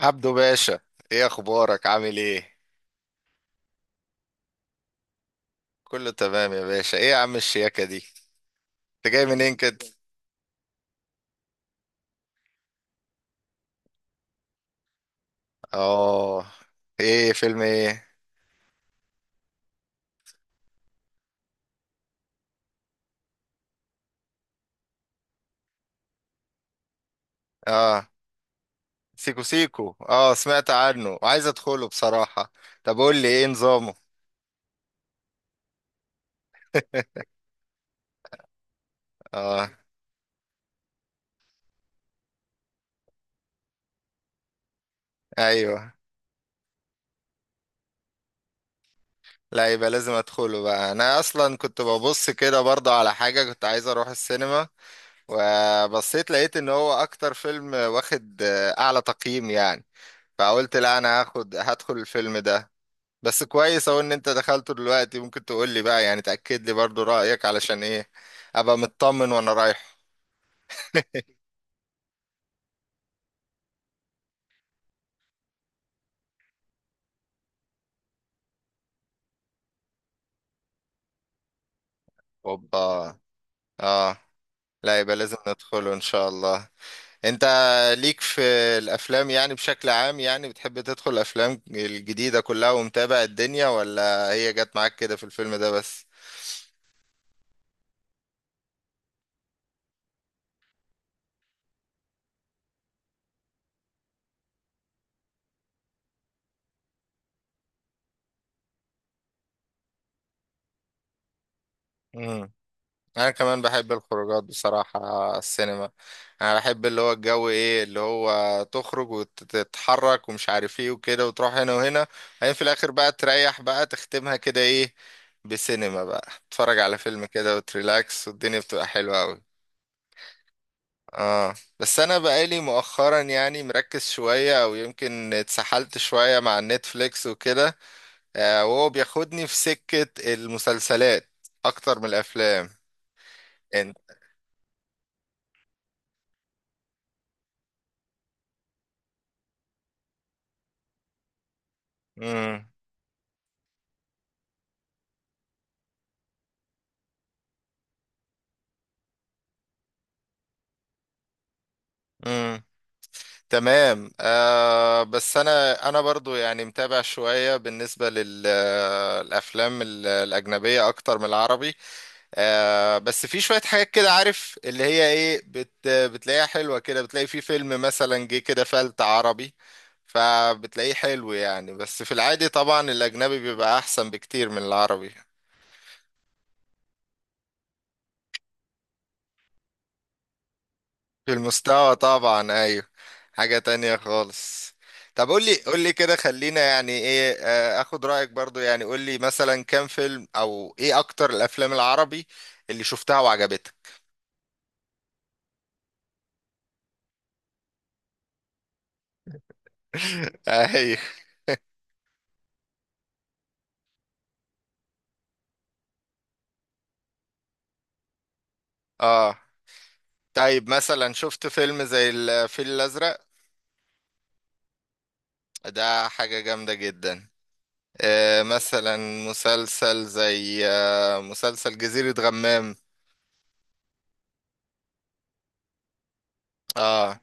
عبدو باشا، ايه اخبارك؟ عامل ايه؟ كله تمام يا باشا. ايه يا عم الشياكة دي؟ انت جاي منين كده؟ اه، ايه فيلم ايه؟ اه، سيكو سيكو. اه، سمعت عنه وعايز ادخله بصراحة. طب قول لي ايه نظامه؟ اه. ايوه. لا، يبقى لازم ادخله بقى. انا اصلا كنت ببص كده برضه على حاجة، كنت عايز اروح السينما. وبصيت لقيت ان هو اكتر فيلم واخد اعلى تقييم يعني. فقلت لا، انا هاخد هدخل الفيلم ده. بس كويس اهو ان انت دخلته دلوقتي، ممكن تقول لي بقى يعني تأكد لي برضو رأيك علشان ايه ابقى مطمن وانا رايح. اوبا. اه. لا يبقى لازم ندخله ان شاء الله. انت ليك في الافلام يعني بشكل عام، يعني بتحب تدخل الافلام الجديدة كلها ومتابع الدنيا، ولا هي جت معاك كده في الفيلم ده بس؟ انا كمان بحب الخروجات بصراحة، السينما. انا بحب اللي هو الجو، ايه اللي هو تخرج وتتحرك ومش عارف ايه وكده وتروح هنا وهنا. بعدين في الاخر بقى تريح بقى تختمها كده ايه، بسينما بقى تتفرج على فيلم كده وتريلاكس والدنيا بتبقى حلوة قوي. اه. بس انا بقالي مؤخرا يعني مركز شوية او يمكن اتسحلت شوية مع النتفليكس وكده. وهو بياخدني في سكة المسلسلات اكتر من الافلام. انت مم. تمام. بس انا برضو يعني متابع شوية بالنسبة للافلام الاجنبية اكتر من العربي. بس في شوية حاجات كده عارف اللي هي ايه بتلاقيها حلوة كده، بتلاقي في فيلم مثلا جه كده فلت عربي. فبتلاقيه حلو يعني، بس في العادي طبعا الاجنبي بيبقى احسن بكتير من العربي. في المستوى طبعا ايوه. حاجة تانية خالص. طب قول لي كده، خلينا يعني ايه اخد رأيك برضو، يعني قول لي مثلا كام فيلم او ايه اكتر الافلام العربي اللي شفتها وعجبتك. ايوه، اه. طيب مثلا شفت فيلم زي الفيل الازرق؟ ده حاجة جامدة جدا. مثلا مسلسل زي مسلسل جزيرة غمام. اه،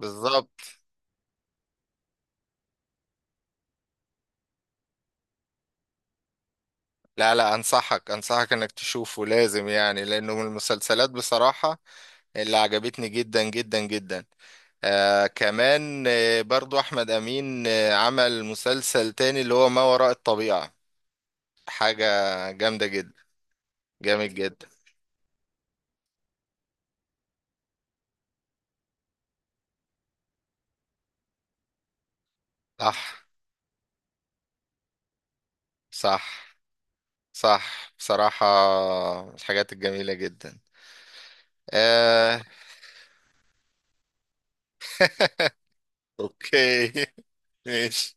بالظبط. لا لا، انصحك انصحك انك تشوفه لازم يعني، لانه من المسلسلات بصراحة اللي عجبتني جدا جدا جدا. كمان برضو احمد امين عمل مسلسل تاني اللي هو ما وراء الطبيعة. حاجة جامدة جدا. جامد جدا. صح، صح، صح بصراحة، من الحاجات الجميلة جدا. آه. اوكي، ماشي،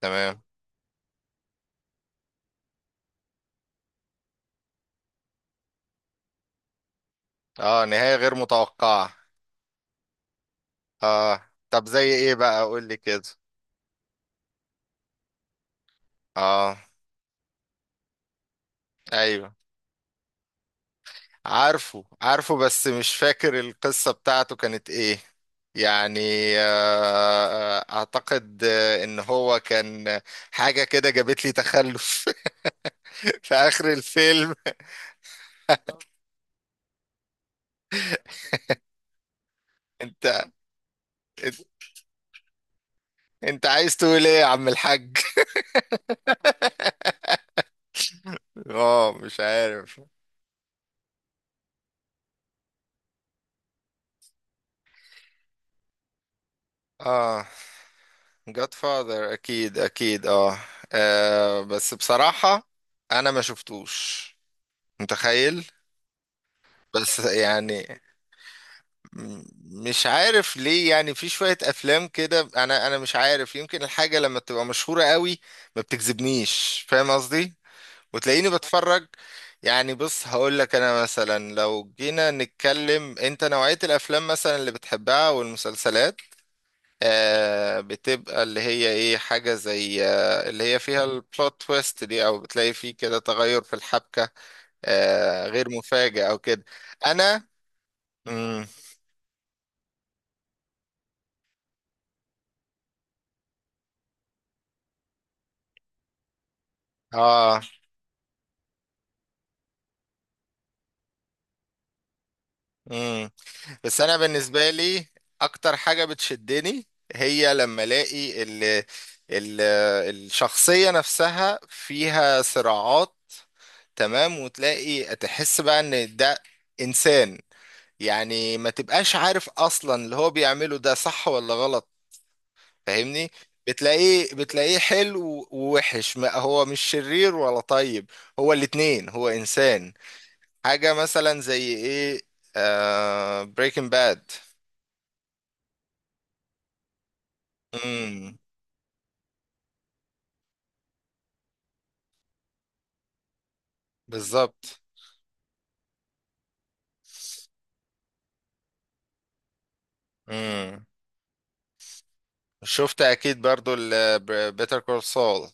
تمام. اه، نهاية غير متوقعة. اه، طب زي ايه بقى؟ قول لي كده. اه، ايوه، عارفه عارفه بس مش فاكر القصة بتاعته كانت ايه يعني. اعتقد ان هو كان حاجة كده جابت لي تخلف. في اخر الفيلم. انت انت عايز تقول ايه يا عم الحاج؟ اه، مش عارف. اه، جاد فاذر اكيد اكيد. اه، بس بصراحة انا ما شفتوش، متخيل. بس يعني م- مش عارف ليه يعني في شوية أفلام كده أنا مش عارف يمكن الحاجة لما بتبقى مشهورة قوي ما بتجذبنيش، فاهم قصدي؟ وتلاقيني بتفرج. يعني بص، هقول لك أنا مثلا لو جينا نتكلم أنت نوعية الأفلام مثلا اللي بتحبها والمسلسلات بتبقى اللي هي إيه، حاجة زي اللي هي فيها البلوت تويست دي، أو بتلاقي فيه كده تغير في الحبكة غير مفاجئ أو كده. أنا مم. آه مم. بس انا بالنسبه لي اكتر حاجه بتشدني هي لما الاقي ال ال الشخصيه نفسها فيها صراعات. تمام، وتلاقي تحس بقى ان ده انسان، يعني ما تبقاش عارف اصلا اللي هو بيعمله ده صح ولا غلط، فاهمني؟ بتلاقيه حلو ووحش، ما هو مش شرير ولا طيب، هو الاتنين هو انسان. حاجه مثلا زي ايه؟ بريكنج باد. بالظبط. امم شفت اكيد برضو بيتر كول سول.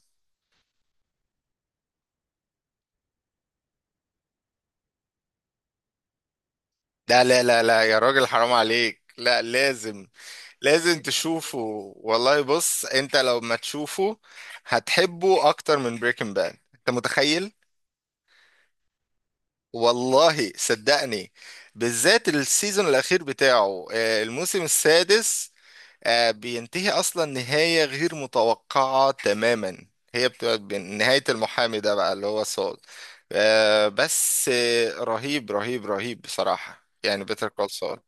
لا لا لا لا يا راجل، حرام عليك. لا، لازم لازم تشوفه. والله بص، انت لو ما تشوفه هتحبه اكتر من بريكنج باد انت متخيل؟ والله صدقني. بالذات السيزون الاخير بتاعه الموسم السادس. بينتهي اصلا نهاية غير متوقعة تماما. هي بتبقى نهاية المحامي ده بقى اللي هو سول. بس رهيب رهيب رهيب بصراحة يعني بيتر كول سول.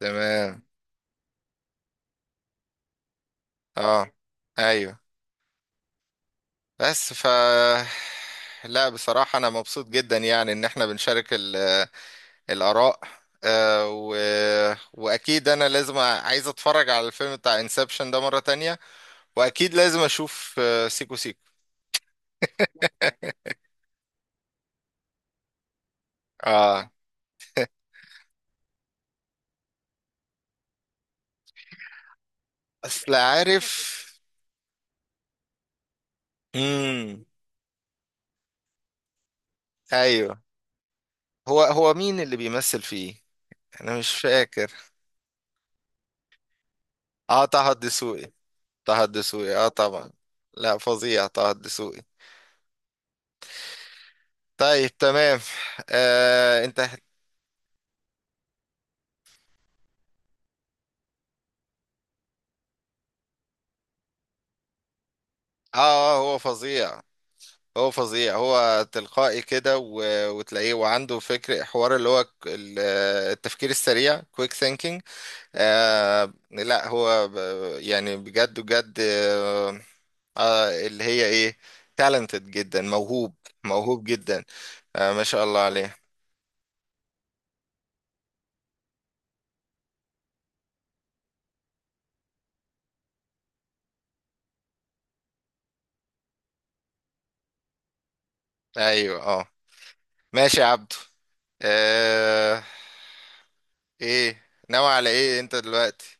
تمام. اه، ايوه. بس ف لا بصراحة انا مبسوط جدا يعني ان احنا بنشارك الاراء، آه، و... واكيد انا لازم عايز اتفرج على الفيلم بتاع انسبشن ده مرة تانية. واكيد لازم اشوف سيكو سيكو. اه، اصل عارف. امم، ايوه. هو مين اللي بيمثل فيه؟ انا مش فاكر. اه، طه الدسوقي. طه الدسوقي اه طبعا. لا فظيع طه الدسوقي. طيب تمام. انت هو فظيع هو فظيع هو تلقائي كده وتلاقيه وعنده فكر حوار اللي هو التفكير السريع، كويك ثينكينج. لا هو يعني بجد بجد، اللي هي ايه تالنتد جدا موهوب. موهوب جدا. آه ما شاء الله عليه. ايوه، اه. ماشي يا عبدو. آه ايه ناوي على ايه انت دلوقتي؟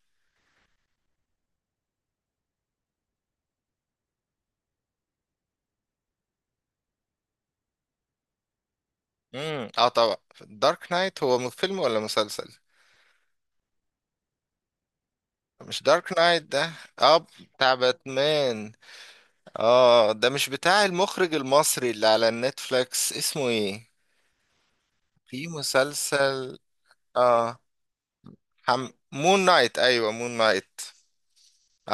امم، اه طبعا. دارك نايت هو فيلم ولا مسلسل؟ مش دارك نايت ده؟ اه، بتاع باتمان. اه، ده مش بتاع المخرج المصري اللي على النتفليكس اسمه ايه، في مسلسل اه مون نايت، ايوه مون نايت.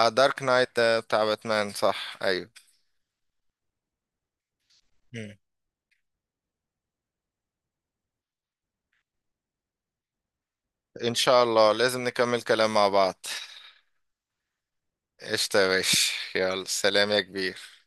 اه، دارك نايت ده بتاع باتمان، صح ايوه. مم. ان شاء الله لازم نكمل كلام مع بعض. قشطة يا باشا. يلا، سلام يا كبير.